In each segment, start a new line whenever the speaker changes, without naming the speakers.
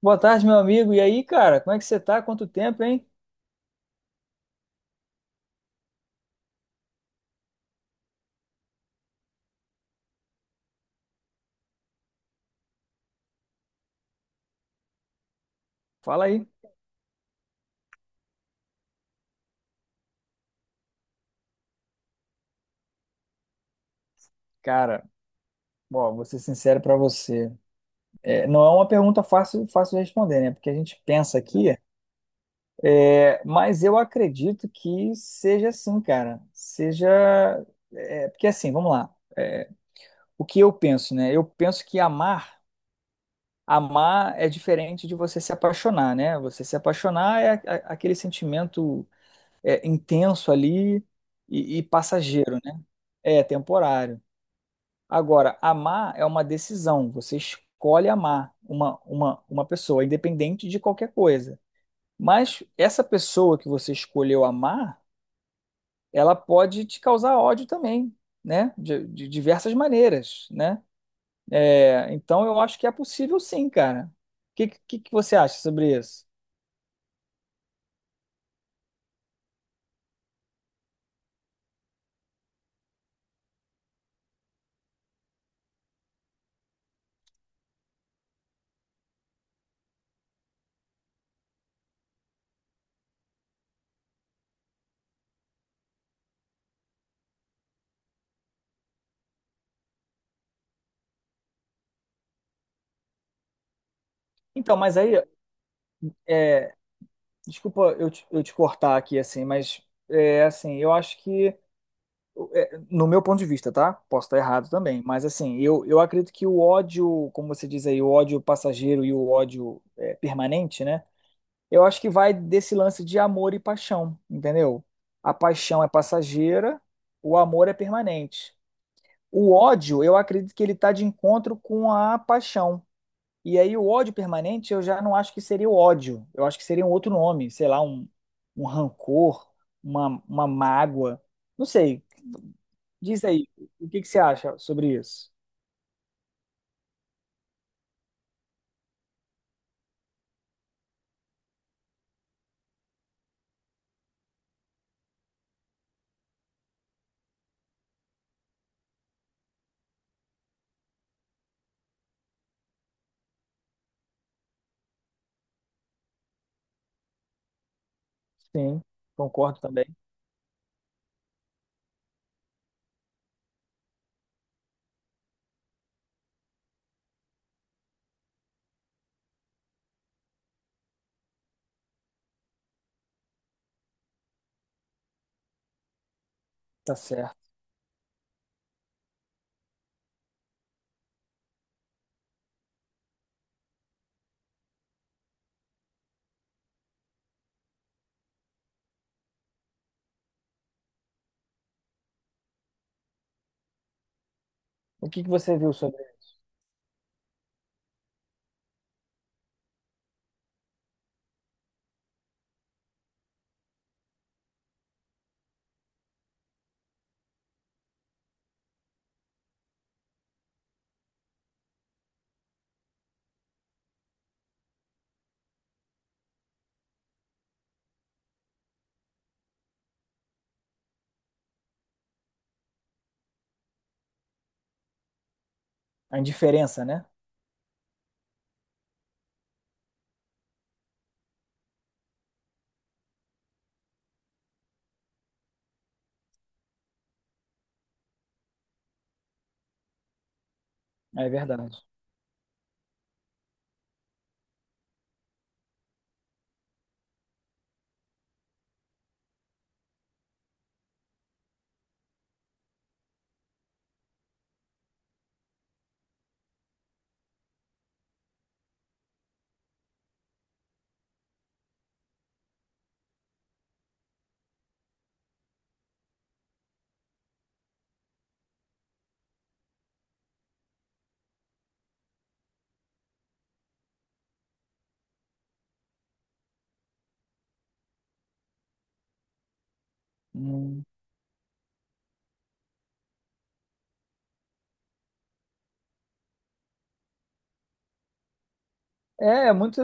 Boa tarde, meu amigo. E aí, cara, como é que você tá? Quanto tempo, hein? Fala aí. Cara, bom, vou ser sincero pra você. Não é uma pergunta fácil, fácil de responder, né? Porque a gente pensa aqui, mas eu acredito que seja assim, cara. Seja. Porque assim, vamos lá. O que eu penso, né? Eu penso que amar é diferente de você se apaixonar, né? Você se apaixonar é aquele sentimento intenso ali e passageiro, né? É temporário. Agora, amar é uma decisão. Você escolhe amar uma pessoa, independente de qualquer coisa. Mas essa pessoa que você escolheu amar, ela pode te causar ódio também, né? De diversas maneiras, né? É, então, eu acho que é possível sim, cara. O que você acha sobre isso? Então, mas aí, é, desculpa eu te cortar aqui, assim, mas é, assim, eu acho que é, no meu ponto de vista, tá? Posso estar errado também, mas assim, eu acredito que o ódio, como você diz aí, o ódio passageiro e o ódio permanente, né? Eu acho que vai desse lance de amor e paixão, entendeu? A paixão é passageira, o amor é permanente. O ódio, eu acredito que ele está de encontro com a paixão. E aí o ódio permanente eu já não acho que seria o ódio, eu acho que seria um outro nome, sei lá, um rancor, uma mágoa, não sei. Diz aí, o que você acha sobre isso? Sim, concordo também, tá certo. O que você viu sobre a indiferença, né? É verdade. Hum. É, é muito,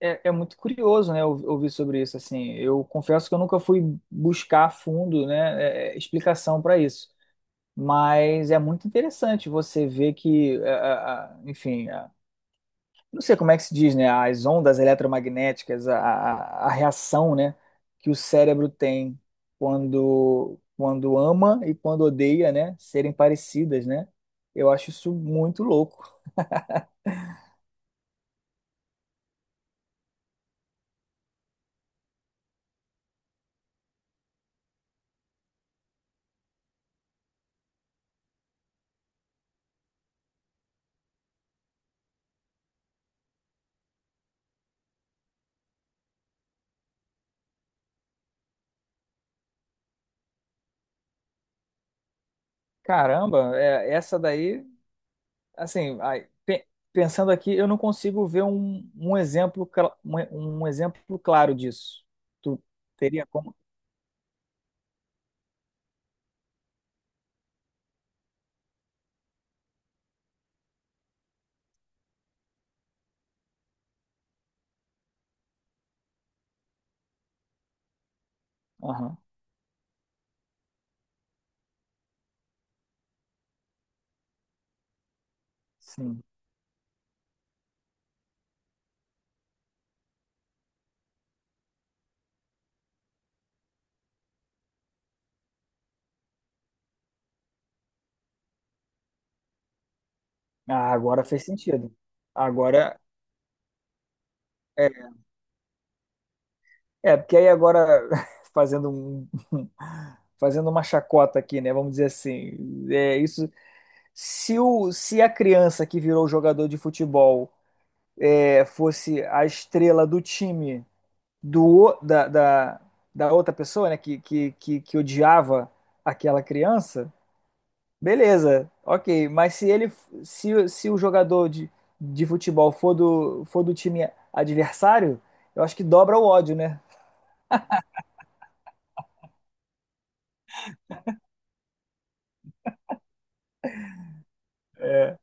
é, é muito curioso, né, ouvir sobre isso, assim. Eu confesso que eu nunca fui buscar a fundo, né, explicação para isso. Mas é muito interessante você ver que, enfim, é, não sei como é que se diz, né? As ondas eletromagnéticas, a reação, né, que o cérebro tem quando ama e quando odeia, né, serem parecidas, né? Eu acho isso muito louco. Caramba, é, essa daí assim, pensando aqui, eu não consigo ver um exemplo, um exemplo claro disso. Tu teria como? Aham, sim. Ah, agora fez sentido. Agora, é porque aí agora, fazendo um, fazendo uma chacota aqui, né? Vamos dizer assim, é isso. Se a criança que virou jogador de futebol fosse a estrela do time do, o- da, da, da outra pessoa, né? Que odiava aquela criança, beleza, ok. Mas se ele, se o jogador de futebol for do time adversário, eu acho que dobra o ódio, né? É.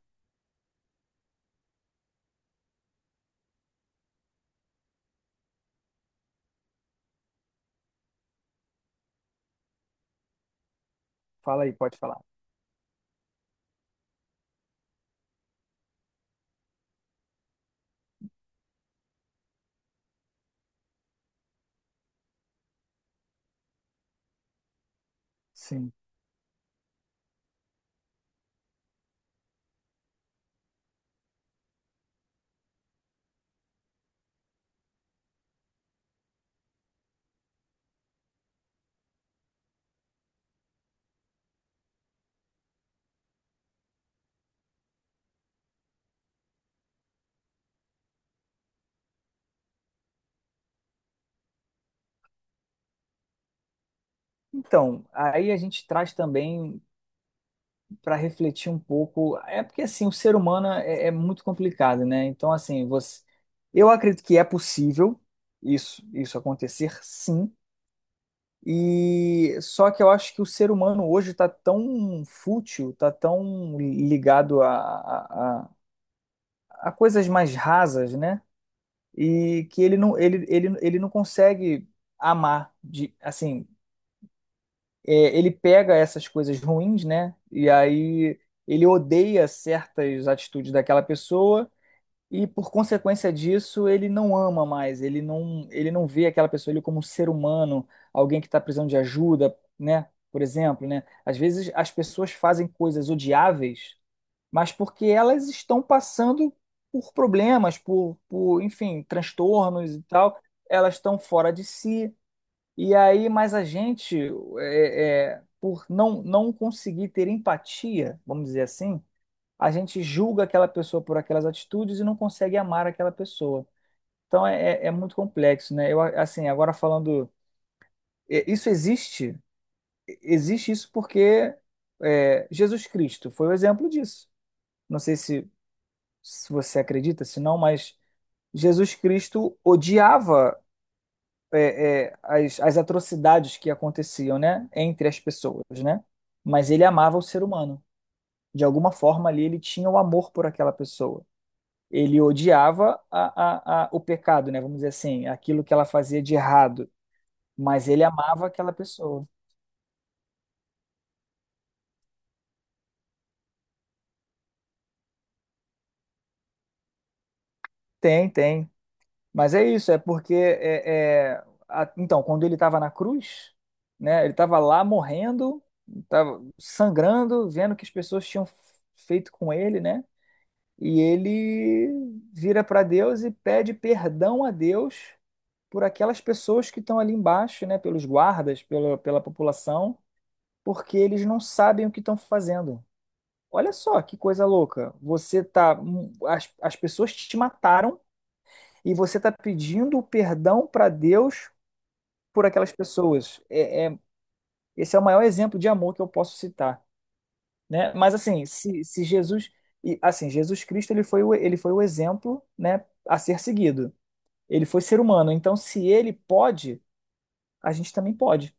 Fala aí, pode falar. Sim. Então, aí a gente traz também para refletir um pouco. É porque assim, o ser humano é muito complicado, né? Então, assim, você, eu acredito que é possível isso acontecer, sim. E só que eu acho que o ser humano hoje está tão fútil, está tão ligado a, a a coisas mais rasas, né? E que ele não consegue amar de, assim ele pega essas coisas ruins, né? E aí ele odeia certas atitudes daquela pessoa e por consequência disso ele não ama mais, ele não vê aquela pessoa ali como um ser humano, alguém que está precisando de ajuda, né? Por exemplo, né? Às vezes as pessoas fazem coisas odiáveis, mas porque elas estão passando por problemas, enfim, transtornos e tal, elas estão fora de si e aí, mas a gente, por não conseguir ter empatia, vamos dizer assim, a gente julga aquela pessoa por aquelas atitudes e não consegue amar aquela pessoa. Então é é muito complexo, né? Eu, assim, agora falando, é, isso existe? Existe isso porque é, Jesus Cristo foi o exemplo disso. Não sei se, se você acredita, se não, mas Jesus Cristo odiava as atrocidades que aconteciam, né, entre as pessoas, né? Mas ele amava o ser humano. De alguma forma ali ele tinha o amor por aquela pessoa. Ele odiava o pecado, né? Vamos dizer assim, aquilo que ela fazia de errado, mas ele amava aquela pessoa. Tem, tem. Mas é isso, é porque então quando ele estava na cruz, né? Ele estava lá morrendo, estava sangrando, vendo o que as pessoas tinham feito com ele, né? E ele vira para Deus e pede perdão a Deus por aquelas pessoas que estão ali embaixo, né, pelos guardas, pela população, porque eles não sabem o que estão fazendo. Olha só que coisa louca. Você tá, as, as pessoas te mataram e você está pedindo o perdão para Deus por aquelas pessoas. Esse é o maior exemplo de amor que eu posso citar, né? Mas assim, se Jesus, e, assim, Jesus Cristo ele foi o exemplo, né, a ser seguido. Ele foi ser humano, então se ele pode, a gente também pode.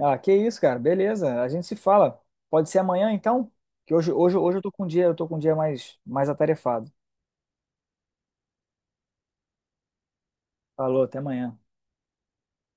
Ah, que isso, cara, beleza, a gente se fala. Pode ser amanhã, então? Que hoje eu tô com um dia, eu tô com um dia mais, mais atarefado. Falou, até amanhã.